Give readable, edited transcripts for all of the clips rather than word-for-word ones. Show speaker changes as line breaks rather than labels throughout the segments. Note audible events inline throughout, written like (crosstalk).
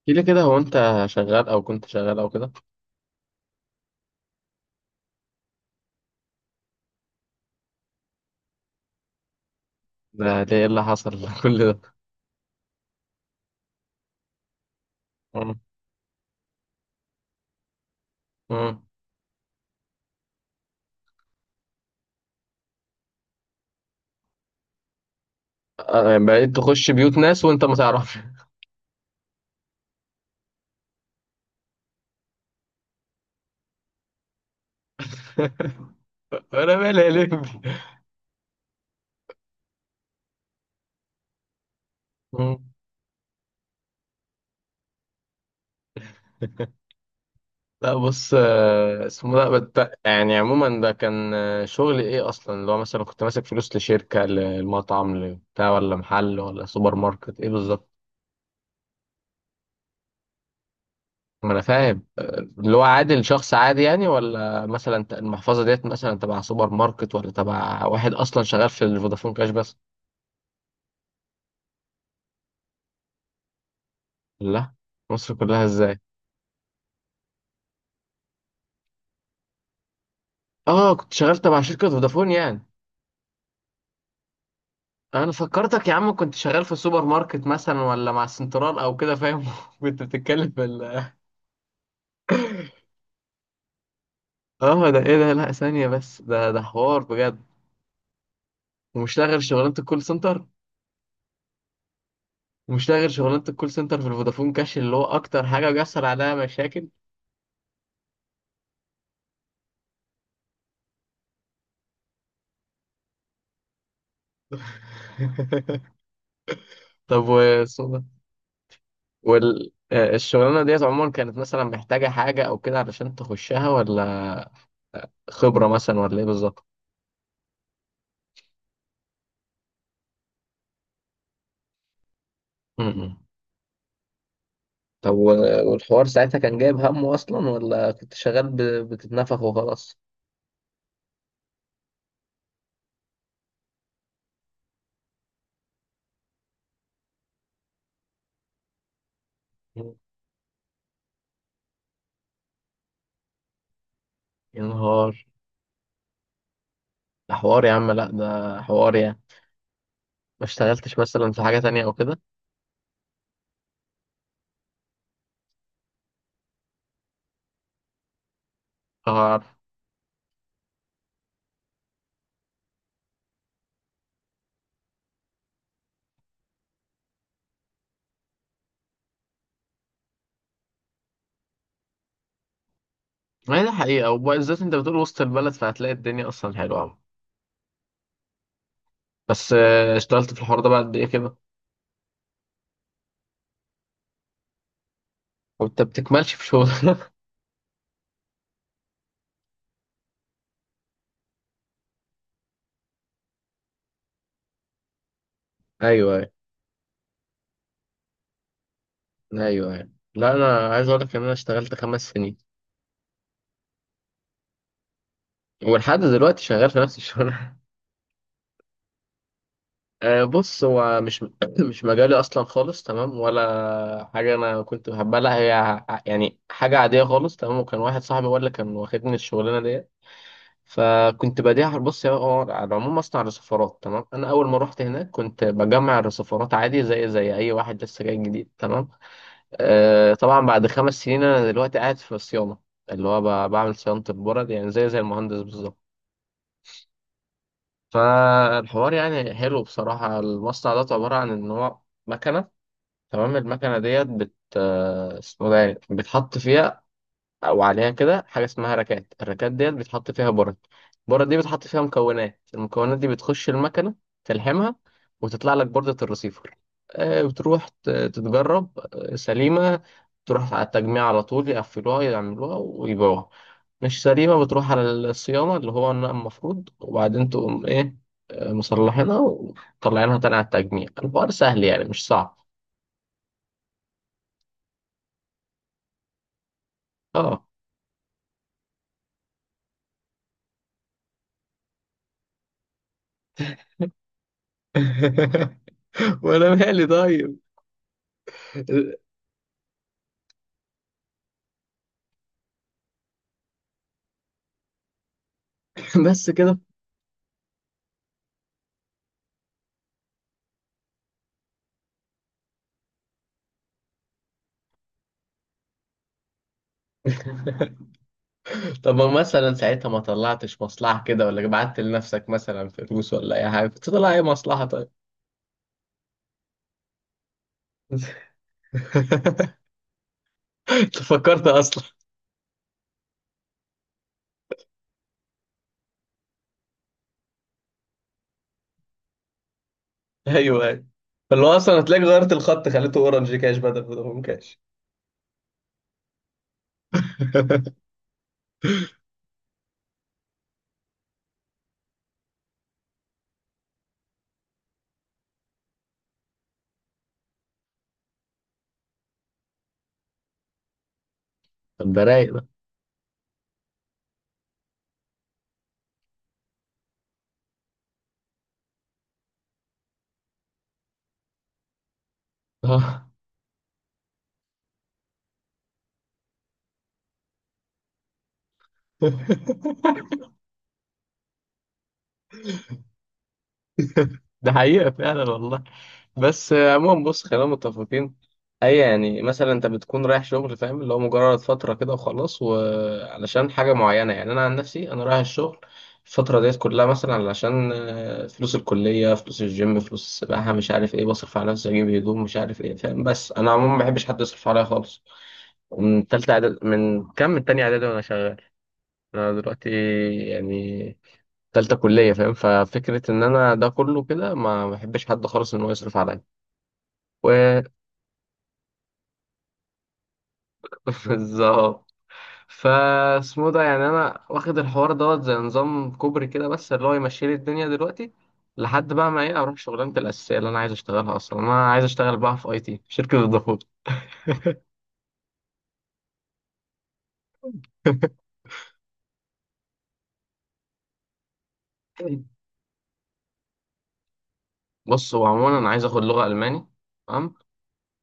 احكي لي كده، هو انت شغال او كنت شغال او كده؟ ده ايه اللي حصل (laughs) كل ده؟ مم. مم. يعني بقيت تخش بيوت ناس وانت ما تعرفش؟ (laughs) انا مالي يا لمبي. مم. (laughs) لا، بص، اسمه ده يعني عموما ده كان شغل ايه اصلا اللي هو مثلا كنت ماسك فلوس لشركة للمطعم لبتاع، ولا محل ولا سوبر ماركت، ايه بالظبط؟ ما انا فاهم، اللي هو عادل شخص عادي يعني، ولا مثلا المحفظة ديت مثلا تبع سوبر ماركت، ولا تبع واحد اصلا شغال في الفودافون كاش بس؟ لا. مصر كلها ازاي؟ اه، كنت شغال تبع شركة فودافون يعني؟ انا فكرتك يا عم كنت شغال في سوبر ماركت مثلا، ولا مع سنترال او كده، فاهم؟ (laughs) كنت بتتكلم في (laughs) اه، ده ايه ده؟ لا ثانية بس، ده حوار بجد. ومش لاغر شغلانة الكول سنتر. ومش لاغر شغلانة الكول سنتر في الفودافون كاش، اللي هو اكتر حاجة بيحصل عليها مشاكل. (laughs) طب، وصودا. والشغلانة ديت عموما كانت مثلا محتاجة حاجة او كده علشان تخشها، ولا خبرة مثلا، ولا ايه بالظبط؟ طب، والحوار ساعتها كان جايب همه أصلا، ولا كنت شغال بتتنفخ وخلاص؟ يا نهار. ده حوار يا عم، لا ده حوار يعني. ما اشتغلتش مثلا في حاجة تانية أو كده؟ اه. ما هي دي حقيقة، وبالذات أنت بتقول وسط البلد، فهتلاقي الدنيا أصلا حلوة عم. بس اشتغلت في الحوار ده بعد إيه كده؟ وأنت بتكملش في شغل؟ (laughs) أيوه، أيوه. أيوه، أيوه. لا، أنا عايز أقول لك إن أنا اشتغلت 5 سنين، ولحد دلوقتي شغال في نفس الشغل. (laughs) بص، هو مش (clears throat) مش مجالي اصلا خالص، تمام؟ ولا حاجه انا كنت بحبها، لا هي يعني حاجه عاديه خالص، تمام. وكان واحد صاحبي هو اللي كان واخدني الشغلانه ديت. فكنت بديها، بص يا هو، على العموم مصنع رصفارات، تمام؟ انا اول ما رحت هناك كنت بجمع الرصفارات عادي، زي اي واحد لسه جاي جديد، تمام. طبعا بعد 5 سنين انا دلوقتي قاعد في الصيانه، اللي هو بعمل صيانه البرد، يعني زي المهندس بالظبط. فالحوار يعني حلو بصراحه. المصنع ده عباره عن ان هو مكنه، تمام. المكنة ديت بت آه، اسمه ده يعني بتحط فيها أو عليها كده حاجة اسمها ركات. الركات ديت بتحط فيها برد. البرد دي بتحط فيها مكونات. المكونات دي بتخش المكنة، تلحمها، وتطلع لك بردة الرسيفر. بتروح تتجرب، سليمة تروح على التجميع على طول، يقفلوها يعملوها ويبيعوها. مش سليمة بتروح على الصيانة، اللي هو النقل المفروض، وبعدين تقوم إيه، مصلحينها ومطلعينها تاني على التجميع. الحوار سهل يعني، مش صعب. اه. (laughs) وانا مالي؟ طيب. (laughs) بس كده. (laughs) طب، ما مثلا ساعتها ما طلعتش مصلحة كده، ولا بعت لنفسك مثلا فلوس ولا اي حاجة؟ كنت طلع اي مصلحة، طيب. (laughs) انت فكرت اصلا؟ ايوه، ايوه. فاللي هو اصلا هتلاقيك غيرت الخط خليته اورنج كاش بدل فودافون كاش. (laughs) طب، ده رايق ده. (laughs) آه. ده حقيقة فعلا والله. بس عموما بص، خلينا متفقين. اي يعني مثلا انت بتكون رايح شغل، فاهم، اللي هو مجرد فتره كده وخلاص، وعلشان حاجه معينه. يعني انا عن نفسي انا رايح الشغل الفتره ديت كلها مثلا علشان فلوس الكليه، فلوس الجيم، فلوس السباحه، مش عارف ايه، بصرف على نفسي، اجيب هدوم مش عارف ايه، فاهم؟ بس انا عموما ما بحبش حد يصرف عليا خالص. من تالته اعدادي، من كام، من تاني اعدادي وانا شغال. انا دلوقتي، يعني، تالتة كلية، فاهم؟ ففكرة إن أنا ده كله كده ما بحبش حد خالص إن هو يصرف عليا. بالظبط. فاسمه ده يعني انا واخد الحوار دوت زي نظام كوبري كده، بس اللي هو يمشي لي الدنيا دلوقتي، لحد بقى ما ايه اروح شغلانه الاساسيه اللي انا عايز اشتغلها اصلا. انا عايز اشتغل بقى في IT، شركه الدخول. (laughs) بص هو عموما انا عايز اخد لغه الماني، تمام،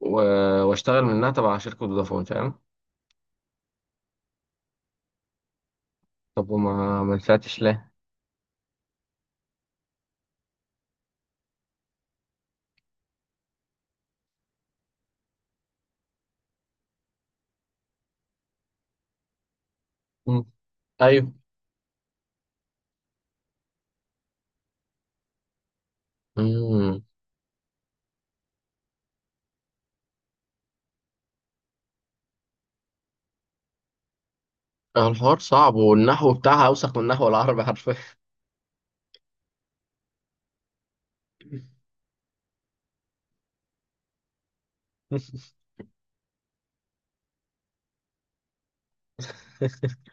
واشتغل منها تبع شركه فودافون، فاهم؟ طب، وما ما نفعتش ليه؟ مم. ايوه. امم. الحوار صعب، والنحو بتاعها اوسخ من النحو العربي حرفيا. (laughs)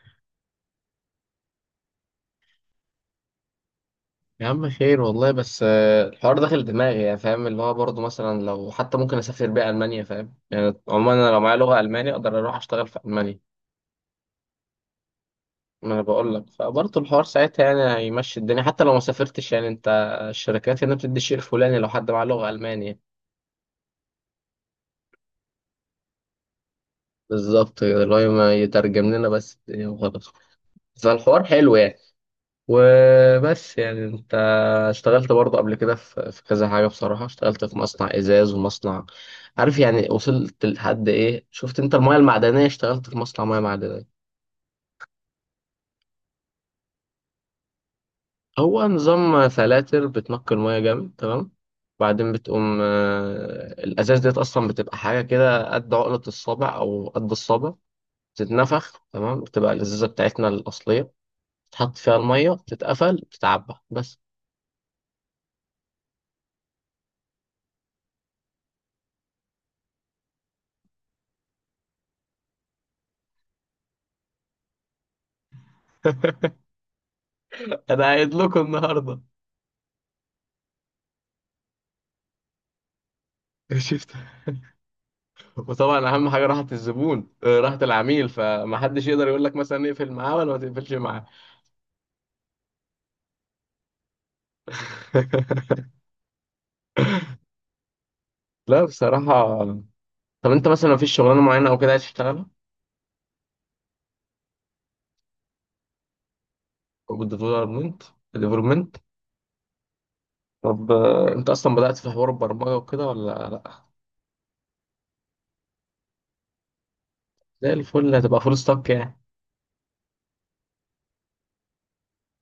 يا عم، خير والله، بس الحوار داخل دماغي يعني، فاهم؟ اللي هو برضه مثلا لو حتى ممكن اسافر بيه المانيا، فاهم؟ يعني عموما انا لو معايا لغه الماني اقدر اروح اشتغل في المانيا. ما انا بقول لك، فبرضه الحوار ساعتها يعني هيمشي الدنيا حتى لو ما سافرتش، يعني انت. الشركات هنا بتدي الشيء الفلاني لو حد معاه لغه المانيا. بالظبط كده، اللي هو ما يترجم لنا بس الدنيا وخلاص. فالحوار حلو يعني. وبس يعني انت اشتغلت برضه قبل كده في كذا حاجة. بصراحة اشتغلت في مصنع ازاز ومصنع، عارف يعني، وصلت لحد ايه؟ شفت انت المياه المعدنية؟ اشتغلت في مصنع مياه معدنية. هو نظام فلاتر بتنقي المياه جامد، تمام. بعدين بتقوم الازاز ديت اصلا بتبقى حاجة كده قد عقلة الصابع او قد الصابع، بتتنفخ، تمام، بتبقى الازازة بتاعتنا الاصلية، تحط فيها المية، تتقفل، تتعبى بس. (laughs) انا قايل لكم النهارده. (laughs) وطبعا اهم حاجه راحه الزبون، راحه العميل، فمحدش يقدر يقول لك مثلا اقفل معاه ولا ما تقفلش معاه. (laughs) لا، بصراحه. طب انت مثلا مفيش شغلانه معينه او كده عايز تشتغلها؟ بالديفلوبمنت. ديفلوبمنت. طب، انت اصلا بدات في حوار البرمجه وكده ولا لا؟ زي الفل، هتبقى فول ستاك يعني.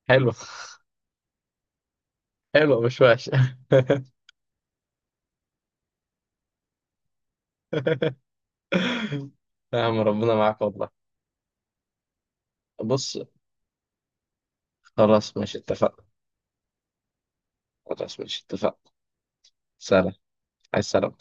حلو. (laughs) حلو، مش وحش. (laughs) يا عم ربنا معاك والله. بص، خلاص ماشي، اتفقنا. خلاص ماشي، اتفقنا. سلام. عايز سلام.